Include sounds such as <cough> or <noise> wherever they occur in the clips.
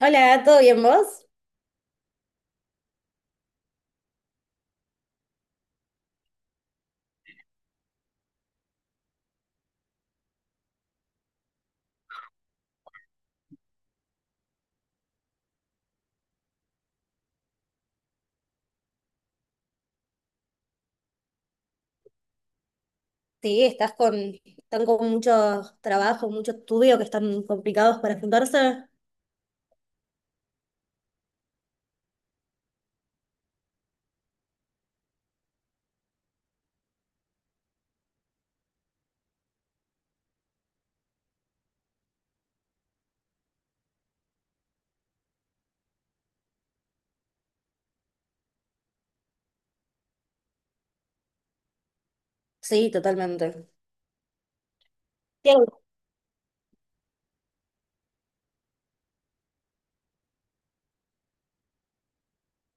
Hola, ¿todo bien vos? Sí, estás con, están con mucho trabajo, mucho estudio, que están complicados para juntarse. Sí, totalmente. Bien.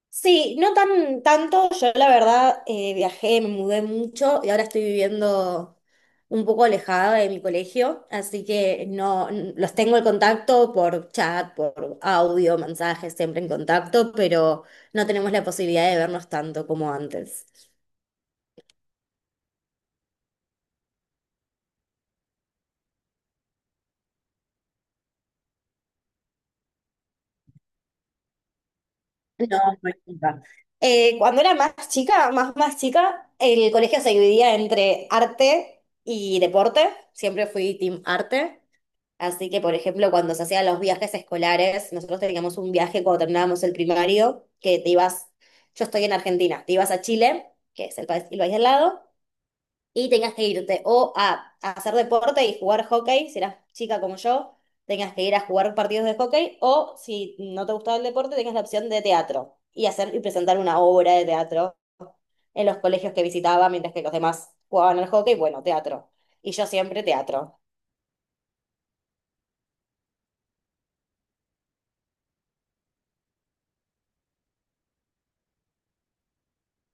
Sí, no tan tanto. Yo la verdad viajé, me mudé mucho y ahora estoy viviendo un poco alejada de mi colegio, así que no n- los tengo el contacto por chat, por audio, mensajes, siempre en contacto, pero no tenemos la posibilidad de vernos tanto como antes. No, no es culpa. Cuando era más chica, más chica, el colegio se dividía entre arte y deporte. Siempre fui team arte. Así que, por ejemplo, cuando se hacían los viajes escolares, nosotros teníamos un viaje cuando terminábamos el primario, que te ibas, yo estoy en Argentina, te ibas a Chile, que es el país al lado, y tengas que irte o a hacer deporte y jugar hockey, si eras chica como yo, tengas que ir a jugar partidos de hockey, o si no te gustaba el deporte, tengas la opción de teatro y hacer y presentar una obra de teatro en los colegios que visitaba, mientras que los demás jugaban al hockey, bueno, teatro. Y yo siempre teatro.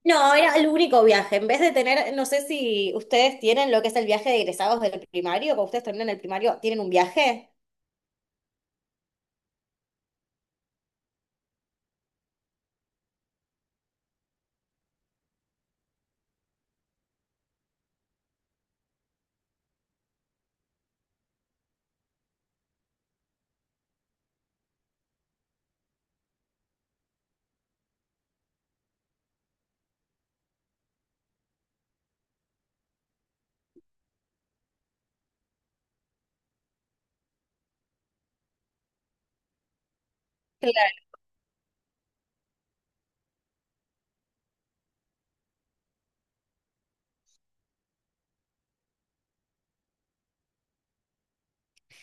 No, era el único viaje. En vez de tener, no sé si ustedes tienen lo que es el viaje de egresados del primario, cuando ustedes terminan el primario, ¿tienen un viaje?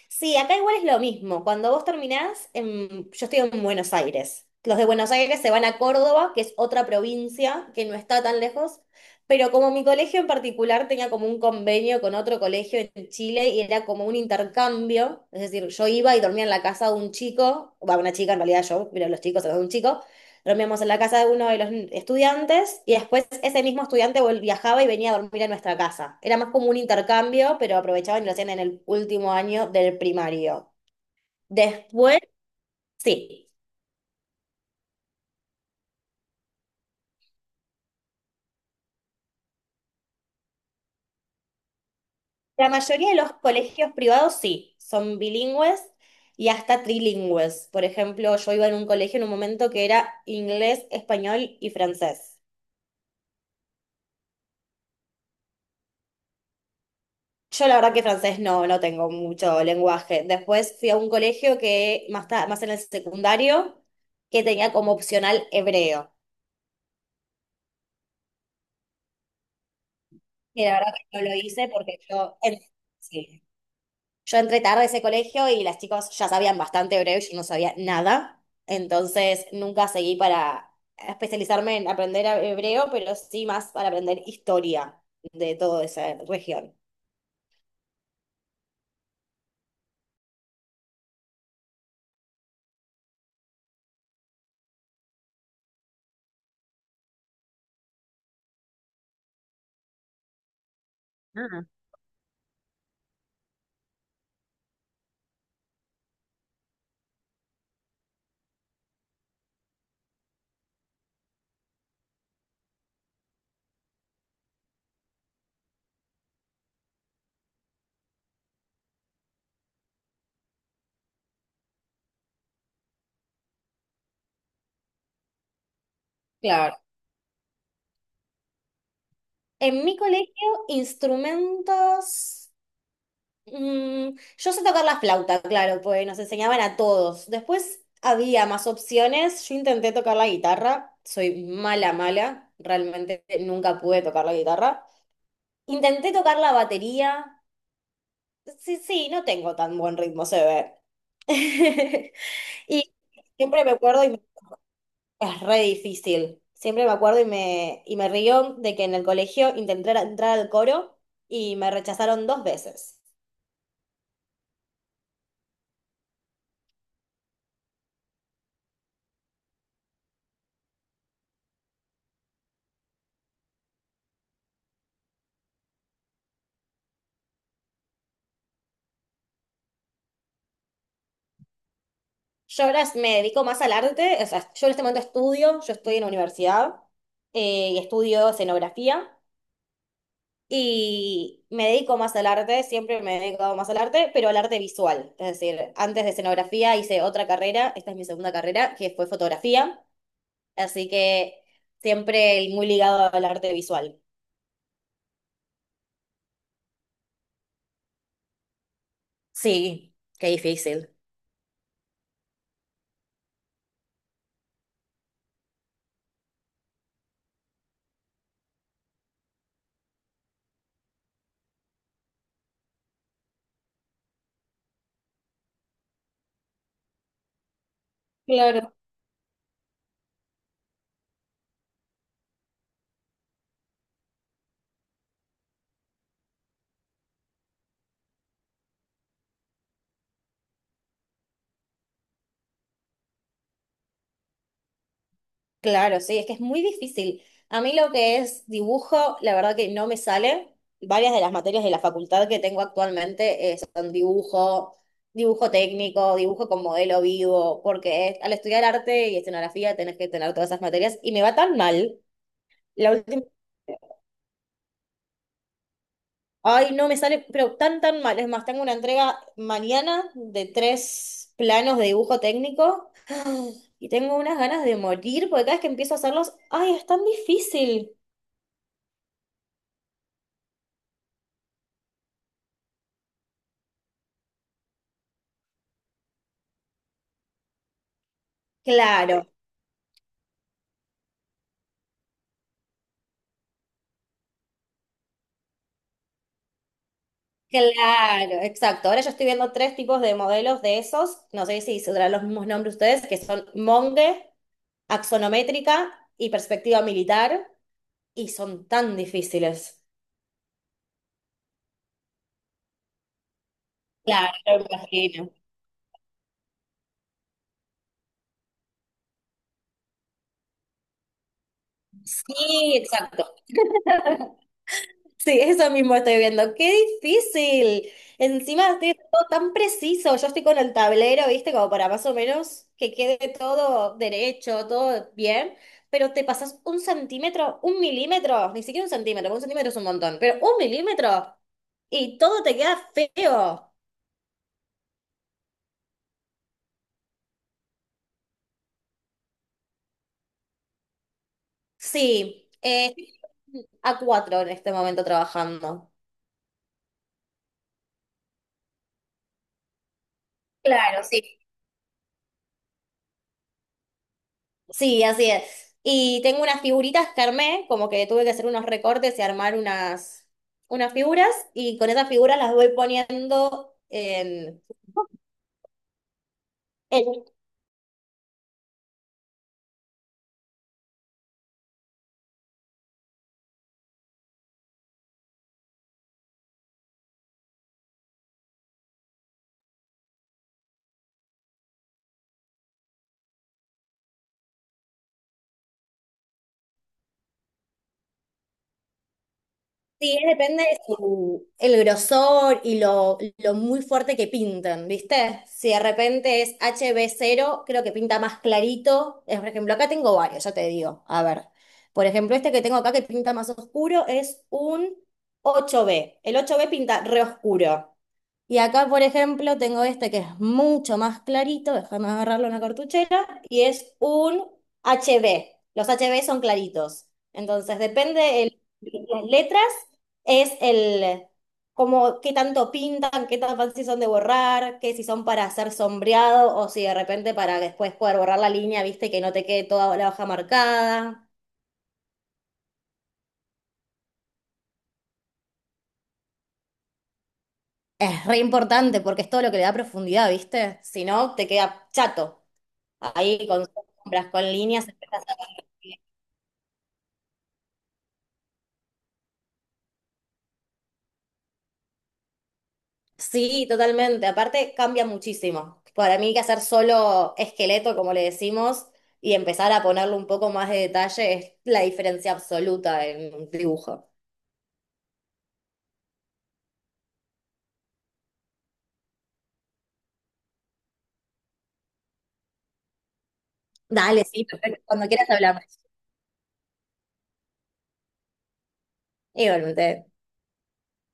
Sí, acá igual es lo mismo. Cuando vos terminás, yo estoy en Buenos Aires. Los de Buenos Aires se van a Córdoba, que es otra provincia que no está tan lejos, pero como mi colegio en particular tenía como un convenio con otro colegio en Chile y era como un intercambio, es decir, yo iba y dormía en la casa de un chico, va, una chica en realidad yo, pero los chicos, se de un chico, dormíamos en la casa de uno de los estudiantes y después ese mismo estudiante viajaba y venía a dormir a nuestra casa. Era más como un intercambio, pero aprovechaban y lo hacían en el último año del primario. Después, sí. La mayoría de los colegios privados sí, son bilingües y hasta trilingües. Por ejemplo, yo iba en un colegio en un momento que era inglés, español y francés. Yo la verdad que francés no tengo mucho lenguaje. Después fui a un colegio que más en el secundario que tenía como opcional hebreo. Y la verdad que no lo hice porque yo, en- sí. Yo entré tarde a ese colegio y las chicas ya sabían bastante hebreo y yo no sabía nada. Entonces nunca seguí para especializarme en aprender hebreo, pero sí más para aprender historia de toda esa región. Ah, claro. En mi colegio, instrumentos. Mm, yo sé tocar la flauta, claro, pues nos enseñaban a todos. Después había más opciones. Yo intenté tocar la guitarra. Soy mala, mala. Realmente nunca pude tocar la guitarra. Intenté tocar la batería. Sí, sí, no tengo tan buen ritmo, se ve. <laughs> Y siempre me acuerdo. Es re difícil. Siempre me acuerdo y y me río de que en el colegio intenté entrar al coro y me rechazaron 2 veces. Yo ahora me dedico más al arte, o sea, yo en este momento estudio, yo estoy en la universidad y estudio escenografía y me dedico más al arte, siempre me he dedicado más al arte, pero al arte visual. Es decir, antes de escenografía hice otra carrera, esta es mi segunda carrera, que fue fotografía, así que siempre muy ligado al arte visual. Sí, qué difícil. Claro. Claro, sí, es que es muy difícil. A mí lo que es dibujo, la verdad que no me sale. Varias de las materias de la facultad que tengo actualmente son dibujo, dibujo técnico, dibujo con modelo vivo, porque es- al estudiar arte y escenografía tenés que tener todas esas materias y me va tan mal. La última. Ay, no me sale, pero tan mal. Es más, tengo una entrega mañana de 3 planos de dibujo técnico <gasps> y tengo unas ganas de morir porque cada vez que empiezo a hacerlos, ay, es tan difícil. Claro, claro, exacto. Ahora yo estoy viendo 3 tipos de modelos de esos. No sé si se darán los mismos nombres ustedes, que son Monge, axonométrica y perspectiva militar, y son tan difíciles. Claro, me imagino. Sí, exacto. Sí, eso mismo estoy viendo. ¡Qué difícil! Encima estoy todo tan preciso. Yo estoy con el tablero, ¿viste? Como para más o menos que quede todo derecho, todo bien. Pero te pasas un centímetro, un milímetro, ni siquiera un centímetro es un montón, pero un milímetro y todo te queda feo. Sí, estoy A4 en este momento trabajando. Claro, sí. Sí, así es. Y tengo unas figuritas que armé, como que tuve que hacer unos recortes y armar unas, unas figuras, y con esas figuras las voy poniendo en- sí, depende de el grosor y lo muy fuerte que pinten, ¿viste? Si de repente es HB0, creo que pinta más clarito. Es, por ejemplo, acá tengo varios, ya te digo. A ver, por ejemplo, este que tengo acá que pinta más oscuro es un 8B. El 8B pinta re oscuro. Y acá, por ejemplo, tengo este que es mucho más clarito, déjame agarrarlo en la cartuchera, y es un HB. Los HB son claritos. Entonces, depende el, las letras, es el como qué tanto pintan, qué tan fácil son de borrar, que si son para hacer sombreado o si de repente para después poder borrar la línea, viste, que no te quede toda la hoja marcada. Es re importante porque es todo lo que le da profundidad, ¿viste? Si no, te queda chato. Ahí con sombras, con líneas. Empezás a... Sí, totalmente. Aparte, cambia muchísimo. Para mí, que hacer solo esqueleto, como le decimos, y empezar a ponerle un poco más de detalle es la diferencia absoluta en un dibujo. Dale, sí, perfecto. Cuando quieras hablamos. Igualmente.